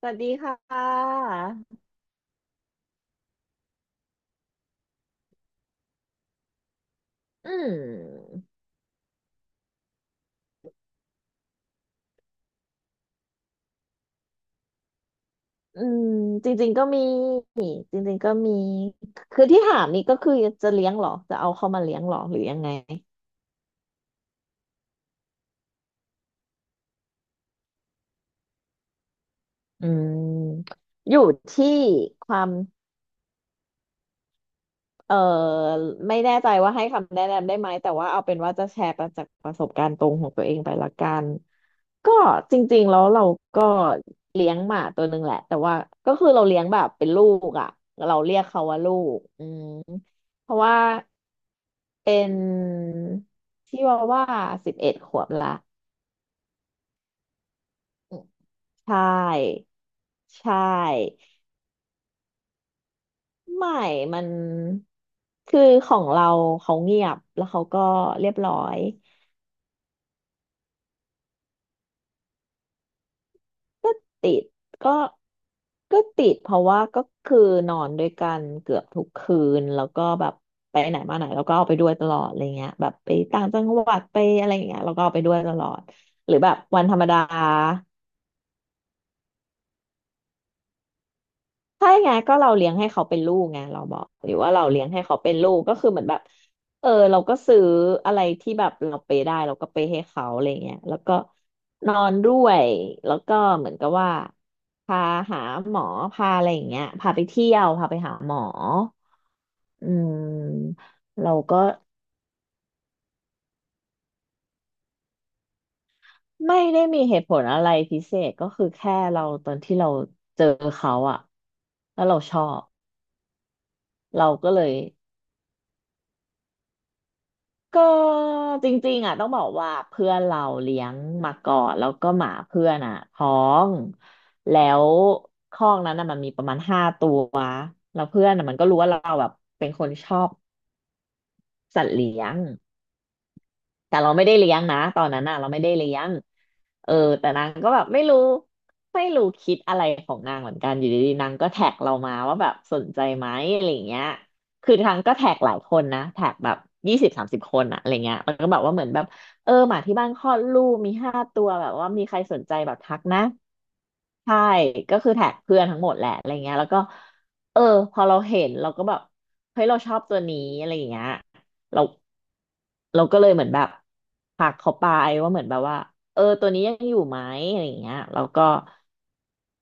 สวัสดีค่ะอืมอืมจริงๆก็มีจริงๆก็มี คือที่ถามนี่ก็คือจะเลี้ยงเหรอ จะเอาเข้ามาเลี้ยงเหรอ หรือยังไงอืมอยู่ที่ความเออไม่แน่ใจว่าให้คำแนะนำได้ไหมแต่ว่าเอาเป็นว่าจะแชร์ประจากประสบการณ์ตรงของตัวเองไปละกันก็จริงๆแล้วเราก็เลี้ยงหมาตัวหนึ่งแหละแต่ว่าก็คือเราเลี้ยงแบบเป็นลูกอ่ะเราเรียกเขาว่าลูกอืมเพราะว่า เป็นชิวาว่า11 ขวบละอืมใช่ใช่ไม่มันคือของเราเขาเงียบแล้วเขาก็เรียบร้อยก็ติดก็ก็ติดเพราะว่าก็คือนอนด้วยกันเกือบทุกคืนแล้วก็แบบไปไหนมาไหนเราก็เอาไปด้วยตลอดอะไรเงี้ยแบบไปต่างจังหวัดไปอะไรอย่างเงี้ยเราก็เอาไปด้วยตลอดหรือแบบวันธรรมดา ใช่ไงก็เราเลี้ยงให้เขาเป็นลูกไงเราบอกหรือว่าเราเลี้ยงให้เขาเป็นลูกก็คือเหมือนแบบเออเราก็ซื้ออะไรที่แบบเราไปได้เราก็ไปให้เขาอะไรเงี้ยแล้วก็นอนด้วยแล้วก็เหมือนกับว่าพาหาหมอพาอะไรอย่างเงี้ยพาไปเที่ยวพาไปหาหมออืมเราก็ไม่ได้มีเหตุผลอะไรพิเศษก็คือแค่เราตอนที่เราเจอเขาอะแล้วเราชอบเราก็เลย ก็จริงๆอ่ะต้องบอกว่าเพื่อนเราเลี้ยงมาก่อนแล้วก็หมาเพื่อนอ่ะท้องแล้วคอกนั้นน่ะมันมีประมาณห้าตัวแล้วเพื่อนน่ะมันก็รู้ว่าเราแบบเป็นคนชอบสัตว์เลี้ยง แต่เราไม่ได้เลี้ยงนะตอนนั้นน่ะเราไม่ได้เลี้ยงเออแต่นางก็แบบไม่รู้คิดอะไรของนางเหมือนกันอยู่ดีๆนางก็แท็กเรามาว่าแบบสนใจไหมอะไรอย่างเงี้ยคือทางก็แท็กหลายคนนะแท็กแบบ20-30 คนอะอะไรเงี้ยมันก็แบบว่าเหมือนแบบเออหมาที่บ้านคลอดลูกมีห้าตัวแบบว่ามีใครสนใจแบบทักนะใช่ก็คือแท็กเพื่อนทั้งหมดแหละอะไรเงี้ยแล้วก็เออพอเราเห็นเราก็แบบเฮ้ยเราชอบตัวนี้อะไรอย่างเงี้ย เราเราก็เลยเหมือนแบบทักเขาไปว่าเหมือนแบบว่าเออตัวนี้ยังอยู่ไหมอะไรอย่างเงี้ยแล้วก็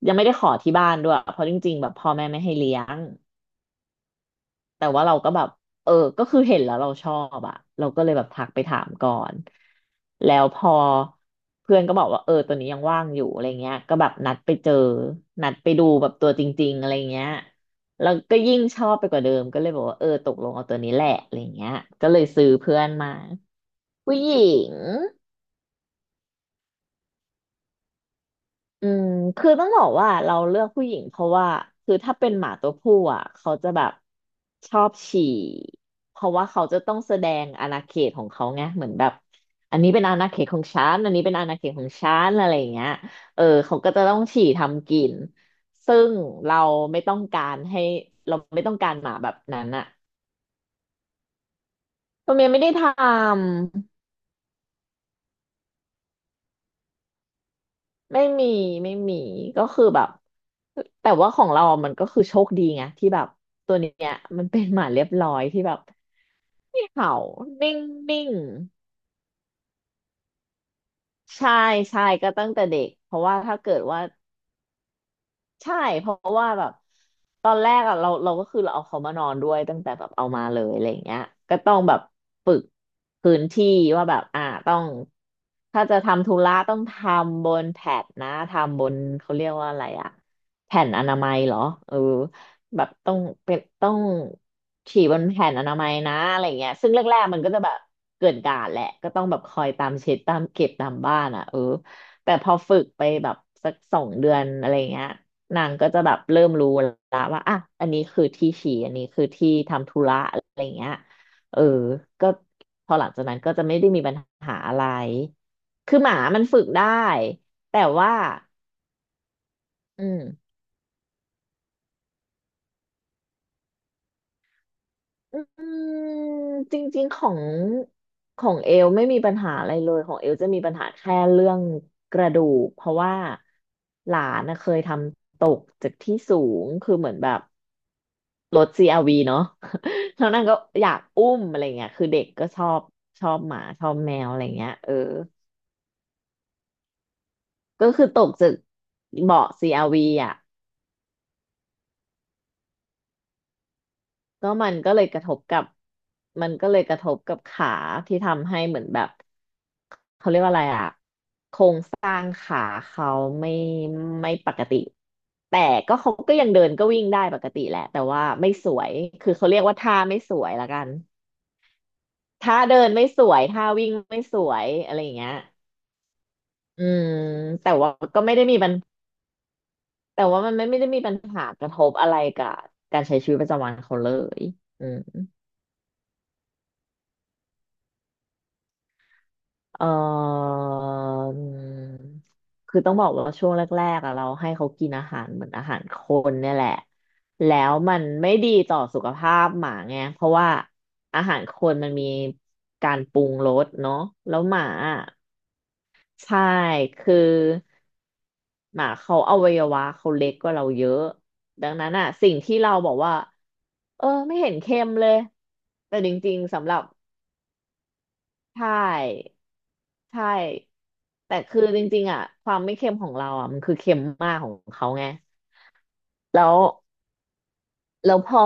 ยังไม่ได้ขอที่บ้านด้วยเพราะจริงๆแบบพ่อแม่ไม่ให้เลี้ยง แต่ว่าเราก็แบบเออก็คือเห็นแล้วเราชอบอะเราก็เลยแบบทักไปถามก่อนแล้วพอเพื่อนก็บอกว่าเออตัวนี้ยังว่างอยู่อะไรเงี้ยก็แบบนัดไปเจอนัดไปดูแบบตัวจริงๆอะไรเงี้ยแล้วก็ยิ่งชอบไปกว่าเดิมก็เลยบอกว่าเออตกลงเอาตัวนี้แหละอะไรเงี้ยก็เลยซื้อเพื่อนมาผู้หญิง อืมคือต้องบอกว่าเราเลือกผู้หญิงเพราะว่าคือถ้าเป็นหมาตัวผู้อ่ะเขาจะแบบชอบฉี่เพราะว่าเขาจะต้องแสดงอาณาเขตของเขาไงเหมือนแบบอันนี้เป็นอาณาเขตของฉันอันนี้เป็นอาณาเขตของฉันอะไรอย่างเงี้ยเออเขาก็จะต้องฉี่ทำกินซึ่งเราไม่ต้องการให้เราไม่ต้องการหมาแบบนั้นอ่ะตัวเมียไม่ได้ทำ ไม่มีไม่มีก็คือแบบแต่ว่าของเราอะมันก็คือโชคดีไงที่แบบตัวเนี้ยมันเป็นหมาเรียบร้อยที่แบบไม่เห่านิ่งนิ่งใช่ใช่ก็ตั้งแต่เด็กเพราะว่าถ้าเกิดว่า ใช่เพราะว่าแบบตอนแรกอะเราก็คือเราเอาเขามานอนด้วยตั้งแต่แบบเอามาเลยอะไรอย่างเงี้ยก็ต้องแบบฝึกพื้นที่ว่าแบบอ่าต้องถ้าจะทำธุระต้องทำบนแพดนะทำบนเขาเรียกว่าอะไรอะแผ่นอนามัยเหรอเออแบบต้องเป็นต้องฉี่บนแผ่นอนามัยนะอะไรอย่างเงี้ยซึ่งแรกๆมันก็จะแบบเกินกาดแหละก็ต้องแบบคอยตามเช็ดตามเก็บตามบ้านอะเออแต่พอฝึกไปแบบสัก2 เดือนอะไรเงี้ย นางก็จะแบบเริ่มรู้แล้วว่าอ่ะอันนี้คือที่ฉี่อันนี้คือที่ทำธุระอะไรอย่างเงี้ยเออก็พอหลังจากนั้นก็จะไม่ได้มีปัญหาอะไรคือหมามันฝึกได้แต่ว่าอืมอืมจริงๆของของเอลไม่มีปัญหาอะไรเลยของเอลจะมีปัญหาแค่เรื่องกระดูกเพราะว่าหลานนะเคยทำตกจากที่สูงคือเหมือนแบบ รถCR-Vเนาะ แล้วนางก็อยากอุ้มอะไรเงี้ยคือเด็กก็ชอบชอบหมาชอบแมวอะไรเงี้ยเออก็คือตกจากเบาะซีอาร์วีอ่ะก็มันก็เลยกระทบกับมันก็เลยกระทบกับขาที่ทำให้เหมือนแบบเขาเรียกว่าอะไรอ่ะโครงสร้างขาเขาไม่ไม่ปกติแต่ก็เขาก็ยังเดินก็วิ่งได้ปกติแหละแต่ว่าไม่สวยคือเขาเรียกว่าท่าไม่สวยละกัน ถ้าเดินไม่สวยถ้าวิ่งไม่สวยอะไรอย่างเงี้ยอืมแต่ว่าก็ไม่ได้มีปัญแต่ว่ามันไม่ได้มีปัญหากระทบอะไรกับการใช้ชีวิตประจำวันเขาเลยอืมเอออืมคือต้องบอกว่าช่วงแรกๆอะเราให้เขากินอาหารเหมือนอาหารคนเนี่ยแหละแล้วมันไม่ดีต่อสุขภาพหมาไงเพราะว่าอาหารคนมันมีการปรุงรสเนาะแล้วหมาอะใช่คือ หมาเขาอวัยวะเขาเล็กกว่าเราเยอะดังนั้นอ่ะสิ่งที่เราบอกว่าเออไม่เห็นเค็มเลยแต่จริงๆสำหรับใช่ใช่แต่คือจริงๆอ่ะความไม่เค็มของเราอ่ะมันคือเค็มมากของเขาไงแล้วแล้วพอ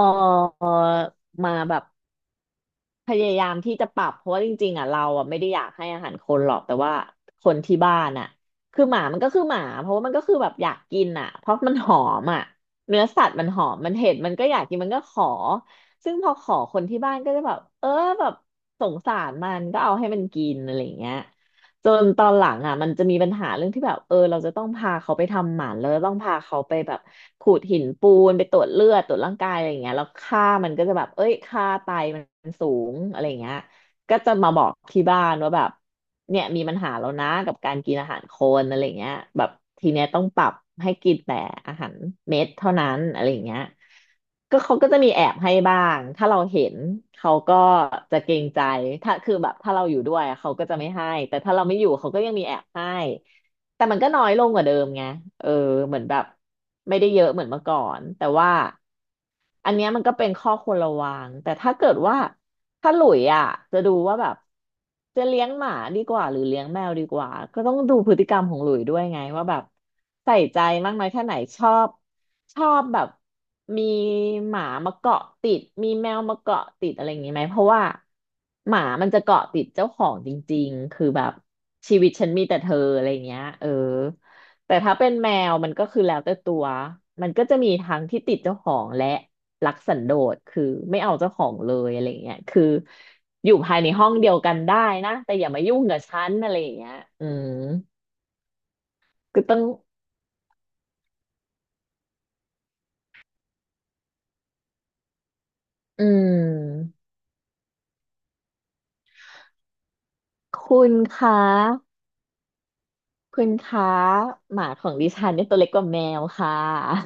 มาแบบ พยายามที่จะปรับเพราะว่าจริงๆอ่ะเราอ่ะไม่ได้อยากให้อาหารคนหรอกแต่ว่าคนที่บ้านอ่ะคือหมามันก็คือหมาเพราะว่ามันก็คือแบบอยากกินอ่ะเพราะมันหอมอ่ะเนื้อสัตว์มันหอมมันเห็นมันก็อยากกินมันก็ขอซึ่งพอขอคนที่บ้านก็จะแบบเออแบบสงสารมันก็เอาให้มันกินอะไรอย่างเงี้ย จนตอนหลังอ่ะมันจะมีปัญหาเรื่องที่แบบเออเราจะต้องพาเขาไปทำหมันแล้วต้องพาเขาไปแบบขูดหินปูนไปตรวจเลือดตรวจร่างกายอะไรอย่างเงี้ยแล้วค่ามันก็จะแบบเอ้ยค่าไตมันสูงอะไรอย่างเงี้ย ก็จะมาบอกที่บ้านว่าแบบเนี่ยมีปัญหาแล้วนะกับการกินอาหารคนอะไรเงี้ยแบบทีเนี้ยต้องปรับให้กินแต่อาหารเม็ดเท่านั้นอะไรเงี้ยก็เขาก็จะมีแอบให้บ้างถ้าเราเห็นเขาก็จะเกรงใจถ้าคือแบบถ้าเราอยู่ด้วยเขาก็จะไม่ให้แต่ถ้าเราไม่อยู่เขาก็ยังมีแอบให้แต่มันก็น้อยลงกว่าเดิมไงเออเหมือนแบบไม่ได้เยอะเหมือนเมื่อก่อนแต่ว่า อันเนี้ยมันก็เป็นข้อควรระวัง แต่ถ้าเกิดว่าถ้าหลุยอ่ะจะดูว่าแบบจะเลี้ยงหมาดีกว่าหรือเลี้ยงแมวดีกว่า ก็ต้องดูพฤติกรรมของหลุยด้วยไงว่าแบบใส่ใจมากน้อยแค่ไหนชอบชอบแบบมีหมามาเกาะติดมีแมวมาเกาะติดอะไรอย่างนี้ไหมเพราะว่าหมามันจะเกาะติดเจ้าของจริงๆคือแบบชีวิตฉันมีแต่เธออะไรอย่างเงี้ยเออแต่ถ้าเป็นแมวมันก็คือแล้วแต่ตัวมันก็จะมีทั้งที่ติดเจ้าของและ รักสันโดษคือไม่เอาเจ้าของเลยอะไรเงี้ยคืออยู่ภายในห้องเดียวกันได้นะแต่อย่ามายุ่งกับฉันอะไรเงี้ยอืมก็ต้องอืมคุณคะคุณคะหมาของดิฉันเนี่ยตัวเล็กกว่าแมวค่ะ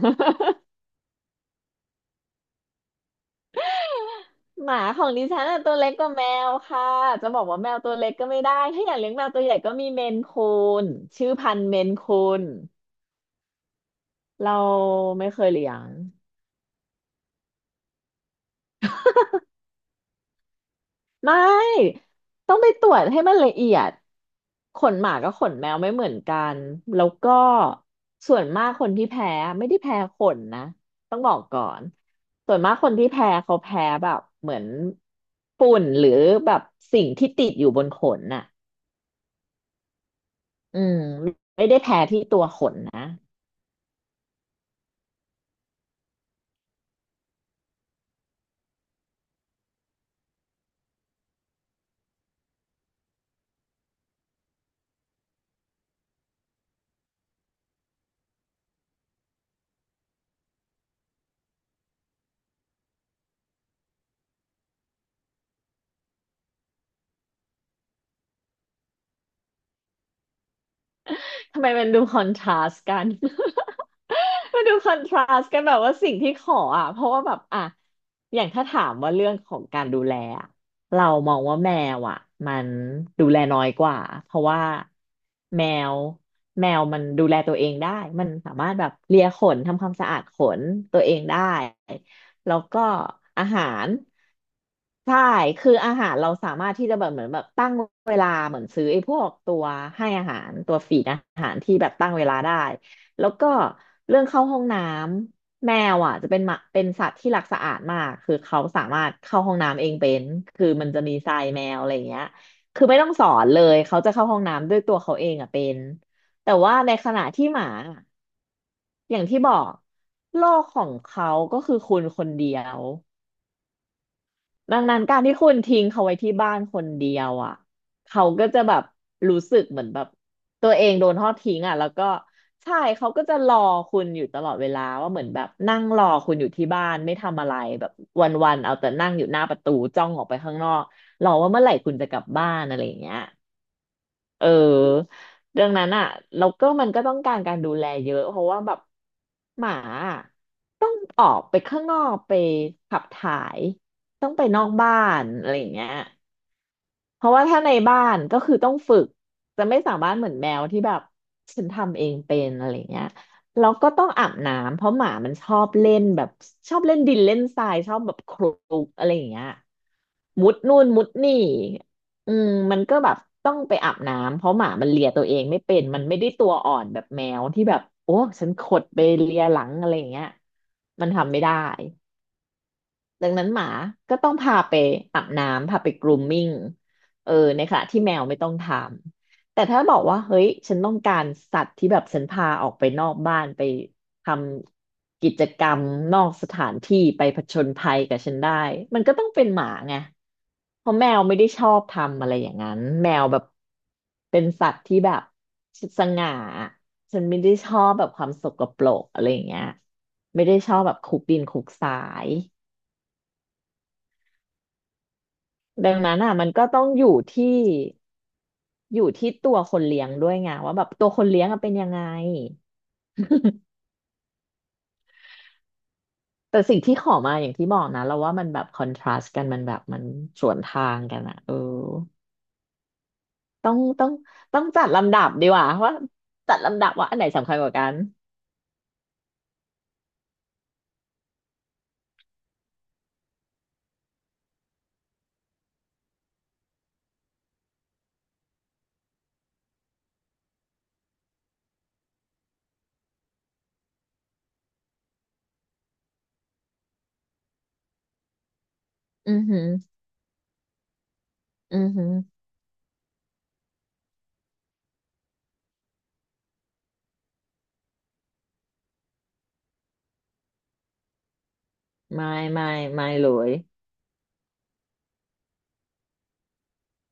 หมาของดิฉันน่ะตัวเล็กกว่าแมวค่ะจะบอกว่าแมวตัวเล็กก็ไม่ได้ถ้าอยากเลี้ยงแมวตัวใหญ่ก็มีเมนคูนชื่อพันธุ์เมนคูนเราไม่เคยเลี้ยง ไม่ต้องไปตรวจให้มันละเอียดขนหมากับขนแมวไม่เหมือนกันแล้วก็ส่วนมากคนที่แพ้ไม่ได้แพ้ขนนะต้องบอกก่อนส่วนมากคนที่แพ้เขาแพ้แบบเหมือนฝุ่นหรือแบบสิ่งที่ติดอยู่บนขนน่ะอืมไม่ได้แพ้ที่ตัวขนนะ ทำไมมันดูคอนทราสต์กัน มันดูคอนทราสต์กันแบบว่าสิ่งที่ขออ่ะเพราะว่าแบบอ่ะอย่างถ้าถามว่าเรื่องของการดูแลอะเรามองว่าแมวอ่ะมันดูแลน้อยกว่าเพราะว่าแมวแมวมันดูแลตัวเองได้มันสามารถแบบเลียขนทำความสะอาดขนตัวเองได้แล้วก็อาหาร ใช่คืออาหารเราสามารถที่จะแบบเหมือนแบบตั้งเวลาเหมือนซื้อไอ้พวกตัวให้อาหารตัวฟีดอาหารที่แบบตั้งเวลาได้แล้วก็เรื่องเข้าห้องน้ำแมวอ่ะจะเป็นหมาเป็นสัตว์ที่รักสะอาดมากคือเขาสามารถเข้าห้องน้ำเองเป็นคือมันจะมีทรายแมวอะไรอย่างเงี้ยคือไม่ต้องสอนเลยเขาจะเข้าห้องน้ำด้วยตัวเขาเองอ่ะเป็นแต่ว่าในขณะที่หมาอย่างที่บอกโลกของเขาก็คือคุณคนเดียว ดังนั้นการที่คุณทิ้งเขาไว้ที่บ้านคนเดียวอ่ะเขาก็จะแบบรู้สึกเหมือนแบบตัวเองโดนทอดทิ้งอ่ะแล้วก็ใช่เขาก็จะรอคุณอยู่ตลอดเวลาว่าเหมือนแบบนั่งรอคุณอยู่ที่บ้านไม่ทำอะไรแบบวันๆเอาแต่นั่งอยู่หน้าประตูจ้องออกไปข้างนอกรอว่าเมื่อไหร่คุณจะกลับบ้านอะไรอย่างเงี้ยเออดังนั้นอ่ะแล้วก็มันก็ต้องการการดูแลเยอะเพราะว่าแบบหมาอะ ออกไปข้างนอกไปขับถ่ายต้องไปนอกบ้านอะไรอย่างเงี้ย เพราะว่าถ้าในบ้านก็คือต้องฝึกจะไม่สามารถเหมือนแมวที่แบบฉันทำเองเป็นอะไรเงี้ยแล้วก็ต้องอาบน้ำเพราะหมามันชอบเล่นแบบชอบเล่นดินเล่นทรายชอบแบบคลุกอะไรอย่างเงี้ยมุดนู่นมุดนี่อืมมันก็แบบต้องไปอาบน้ำเพราะหมามันเลียตัวเองไม่เป็นมันไม่ได้ตัวอ่อนแบบแมวที่แบบโอ้ฉันขดไปเลียหลังอะไรอย่างเงี้ยมันทำไม่ได้ ดังนั้นหมาก็ต้องพาไปอาบน้ำพาไป grooming เออในขณะที่แมวไม่ต้องทำแต่ถ้าบอกว่าเฮ้ยฉันต้องการสัตว์ที่แบบฉันพาออกไปนอกบ้านไปทำกิจกรรมนอกสถานที่ไปผจญภัยกับฉันได้มันก็ต้องเป็นหมาไงเพราะแมวไม่ได้ชอบทำอะไรอย่างนั้นแมวแบบเป็นสัตว์ที่แบบสง่าฉันไม่ได้ชอบแบบความสกปรกอะไรอย่างเงี้ยไม่ได้ชอบแบบคุกดินคุกสาย ดังนั้นอ่ะมันก็ต้องอยู่ที่อยู่ที่ตัวคนเลี้ยงด้วยไงว่าแบบตัวคนเลี้ยงอะเป็นยังไง แต่สิ่งที่ขอมาอย่างที่บอกนะเราว่ามันแบบคอนทราสต์กันมันแบบมันสวนทางกันอ่ะเออต้องต้องจัดลำดับดีกว่าว่าจัดลำดับว่าอันไหนสำคัญกว่ากันอือหืออือหือไม่ไม่ไม่เลย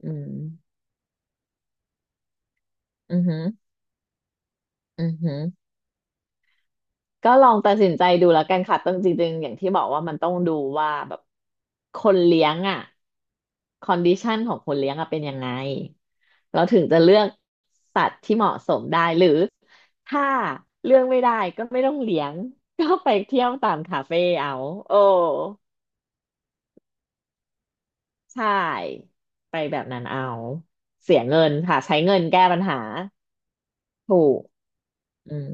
อืมอือหืออือหือ ก็ลองตัดสินใจดูแล้วกันค่ะต้องจริงๆอย่างที่บอกว่ามันต้องดูว่าแบบคนเลี้ยงอ่ะคอนดิชันของคนเลี้ยงอ่ะเป็นยังไงเราถึงจะเลือกสัตว์ที่เหมาะสมได้หรือถ้าเลือกไม่ได้ก็ไม่ต้องเลี้ยง ก็ไปเที่ยวตามคาเฟ่เอาโอ้ใช่ไปแบบนั้นเอาเสียเงินค่ะใช้เงินแก้ปัญหาถูกอืม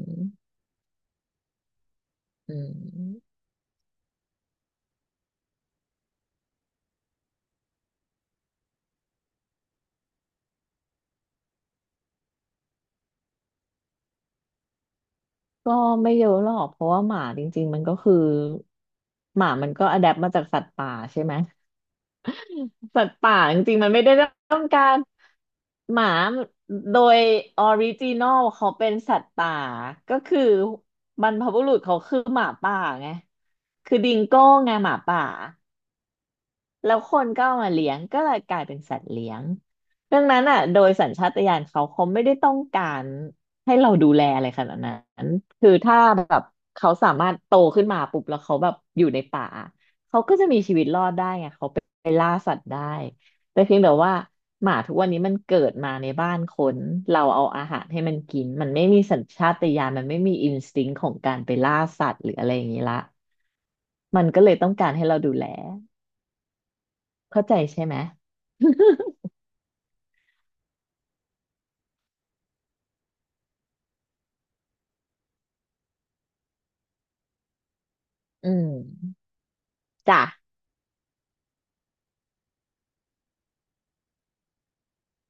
อืม ก็ไม่เยอะหรอกเพราะว่าหมาจริงๆมันก็คือหมามันก็อะแดปมาจากสัตว์ป่าใช่ไหม สัตว์ป่าจริงๆมันไม่ได้ต้องการหมาโดยออริจินอลเขาเป็นสัตว์ป่าก็คือบรรพบุรุษเขาคือหมาป่าไงคือดิงโก้ไงหมาป่า แล้วคนก็เอามาเลี้ยงก็เลยกลายเป็นสัตว์เลี้ยงดังนั้นอ่ะโดยสัญชาตญาณเขาไม่ได้ต้องการให้เราดูแลอะไรขนาดนั้นคือถ้าแบบเขาสามารถโตขึ้นมาปุ๊บแล้วเขาแบบอยู่ในป่าไปล่าสัตว์ได้แต่เพียงแต่ว่าหมาทุกวันนี้มันเกิดมาในบ้านคนเราเอาอาหารให้มันกินมันไม่มีสัญชาตญาณมันไม่มีอินสติ้งของการไปล่าสัตว์หรืออะไรอย่างนี้ละมันก็เลยต้องการให้เราดูแลเข้าใจใช่ไหม อืม จ้ะ